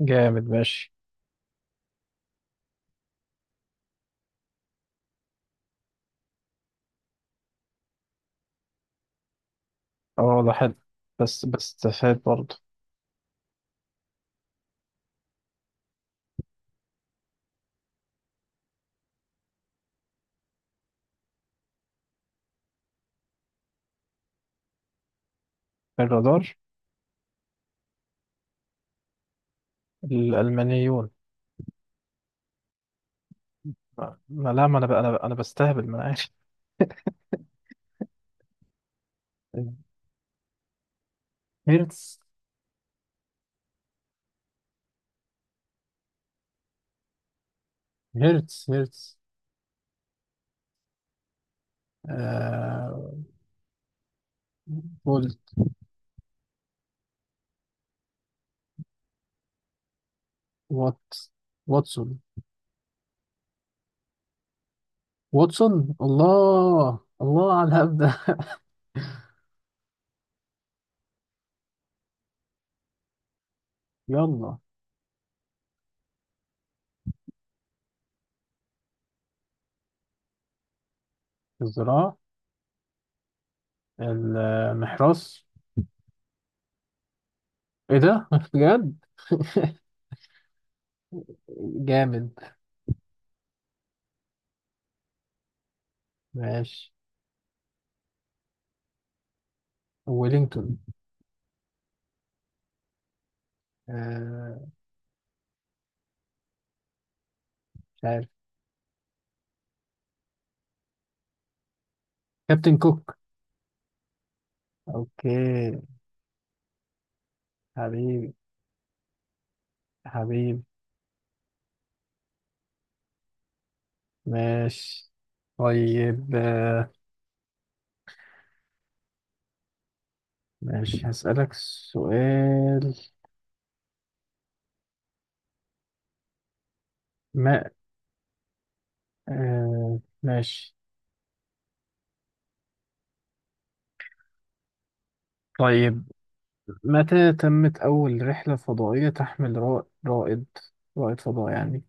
جامد، ماشي. اه، والله حلو. بس بس تفاد برضه. الرادار. الألمانيون. لا، ما أنا بستهبل، ما أنا عارف. هرتز، هرتز. هرتز آه. فولت. وات. واتسون. واتسون، الله الله على الهبد ده. يلا. الزراعة. المحراث. ايه ده؟ بجد. جامد، ماشي. ويلينغتون. آه. مش عارف. كابتن كوك. اوكي. حبيبي، حبيبي. ماشي، طيب. ماشي، هسألك سؤال. ما ماشي. طيب. متى تمت أول رحلة فضائية تحمل رائد فضاء يعني؟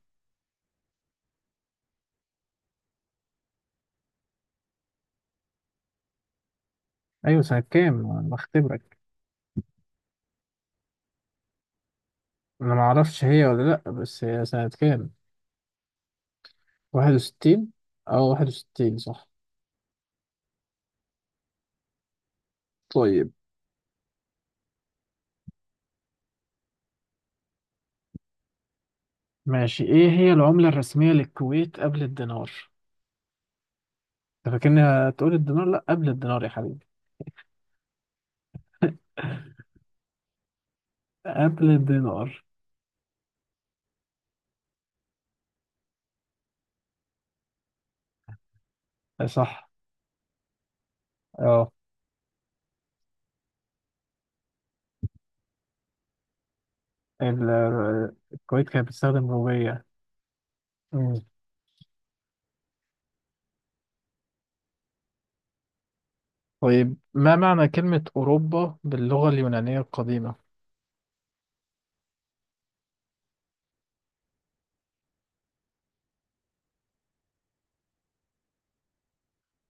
أيوة، سنة كام؟ أنا بختبرك. أنا معرفش هي ولا لأ، بس هي سنة كام؟ واحد وستين. أو واحد وستين، صح. طيب، ماشي. إيه هي العملة الرسمية للكويت قبل الدينار؟ أنت فاكرني هتقول الدينار؟ لأ قبل الدينار يا حبيبي. قبل الدينار. آه، صح. اه. الكويت كانت بتستخدم روبية. مم. طيب، ما معنى كلمة أوروبا باللغة اليونانية القديمة؟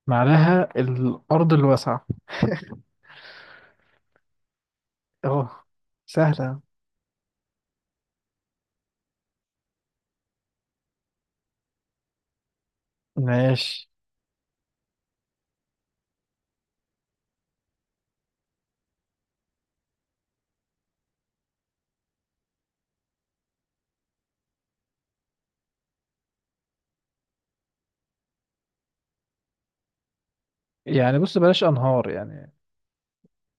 معناها الأرض الواسعة. اه، سهلة. ماشي، يعني بص بلاش أنهار يعني.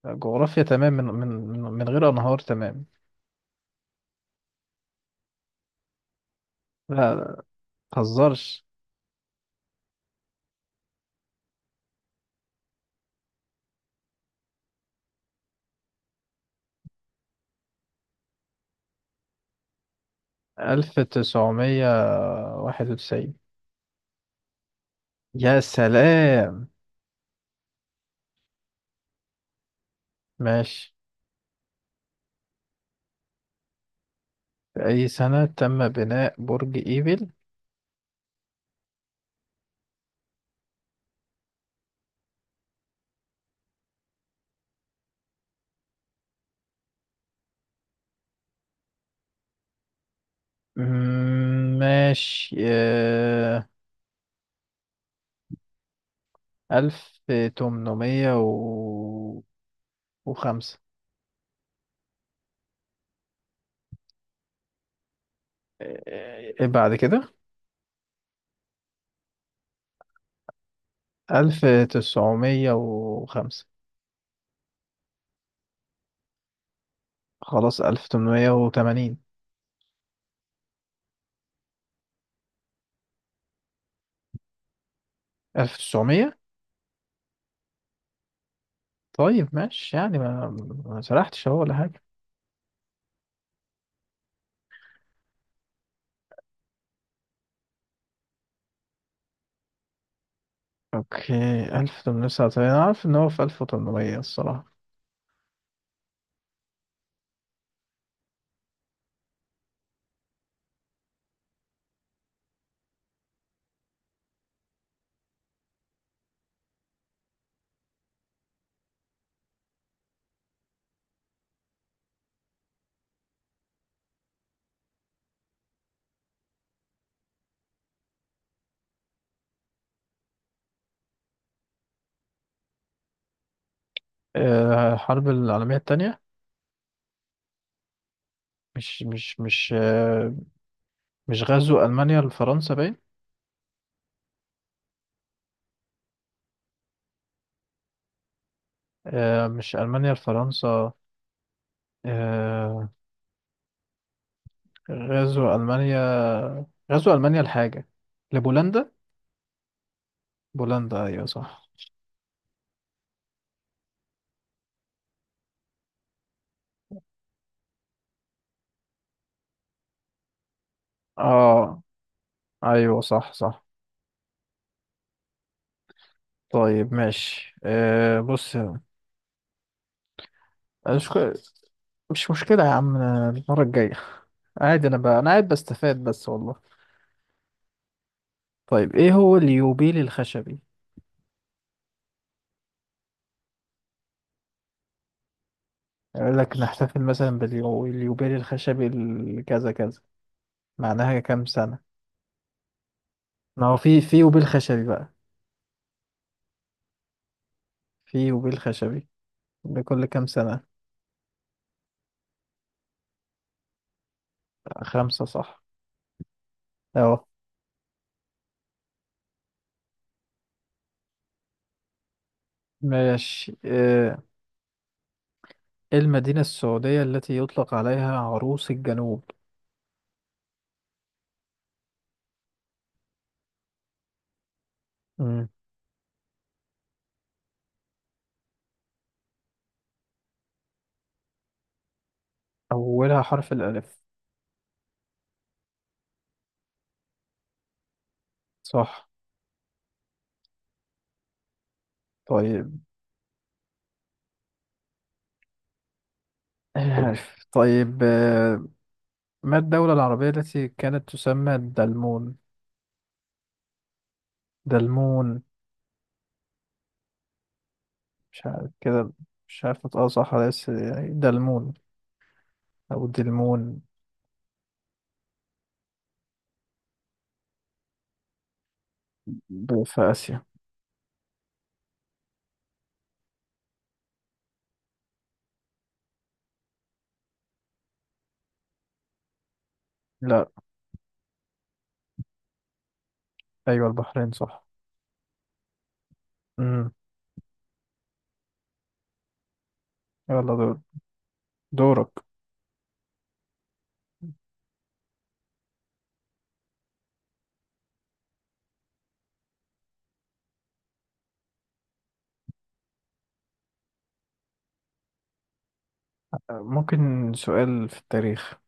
جغرافيا تمام، من غير أنهار، تمام. لا، لا، متهزرش. 1991. يا سلام. ماشي. في أي سنة تم بناء برج إيفل؟ ماشي. ألف تمنمية وخمسة. آه. إيه، بعد كده. ألف تسعمية وخمسة. خلاص، ألف تمنمية وتمانين. ألف تسعمية. طيب، ماشي، يعني ما سرحتش أهو ولا حاجة. أوكي. ألف تمنمية وتسعة وتمانين، أنا عارف إن هو في ألف وتمنمية الصراحة. الحرب العالمية التانية. مش مش غزو ألمانيا لفرنسا باين. مش ألمانيا لفرنسا. آه. غزو ألمانيا. غزو ألمانيا لحاجة، لبولندا. بولندا، أيوة صح. اه، أيوة، صح صح. طيب، ماشي. بص. مش مش مشكلة يا عم المرة الجاية. عادي، أنا بقى أنا قاعد بستفاد بس والله. طيب، إيه هو اليوبيل الخشبي؟ يقول لك نحتفل مثلا باليوبيل الخشبي كذا كذا، معناها كام سنة؟ ما هو في يوبيل خشبي بقى. في يوبيل خشبي لكل كام سنة؟ خمسة صح. أهو. ماشي. إيه المدينة السعودية التي يطلق عليها عروس الجنوب؟ مم. أولها حرف الألف. صح. طيب. عارف. طيب. ما الدولة العربية التي كانت تسمى دلمون؟ دلمون. مش عارف كده. مش عارف نطقها صح ولا لسه، يعني دلمون أو دلمون. في آسيا. لا. أيوة البحرين صح. مم. يلا دور. دورك. ممكن سؤال في التاريخ؟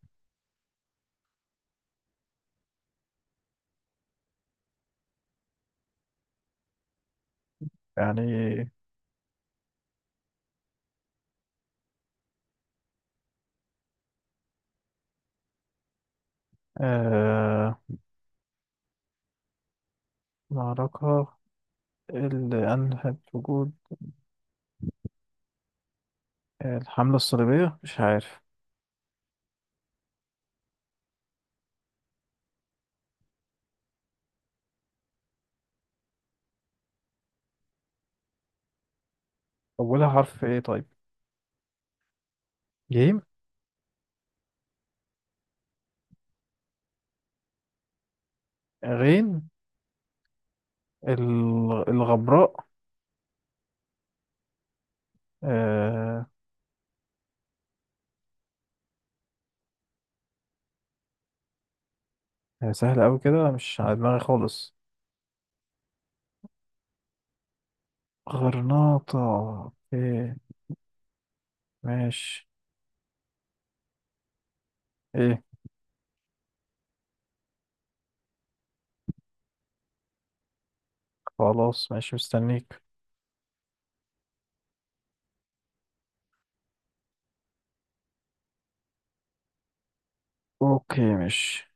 يعني. آه معركة اللي أنهت وجود الحملة الصليبية، مش عارف. أولها حرف إيه؟ طيب، جيم. غين. الغبراء. آه. هي سهلة أوي كده، مش على دماغي خالص. غرناطة. إيه. ماشي. إيه. خلاص ماشي، مستنيك. أوكي، ماشي.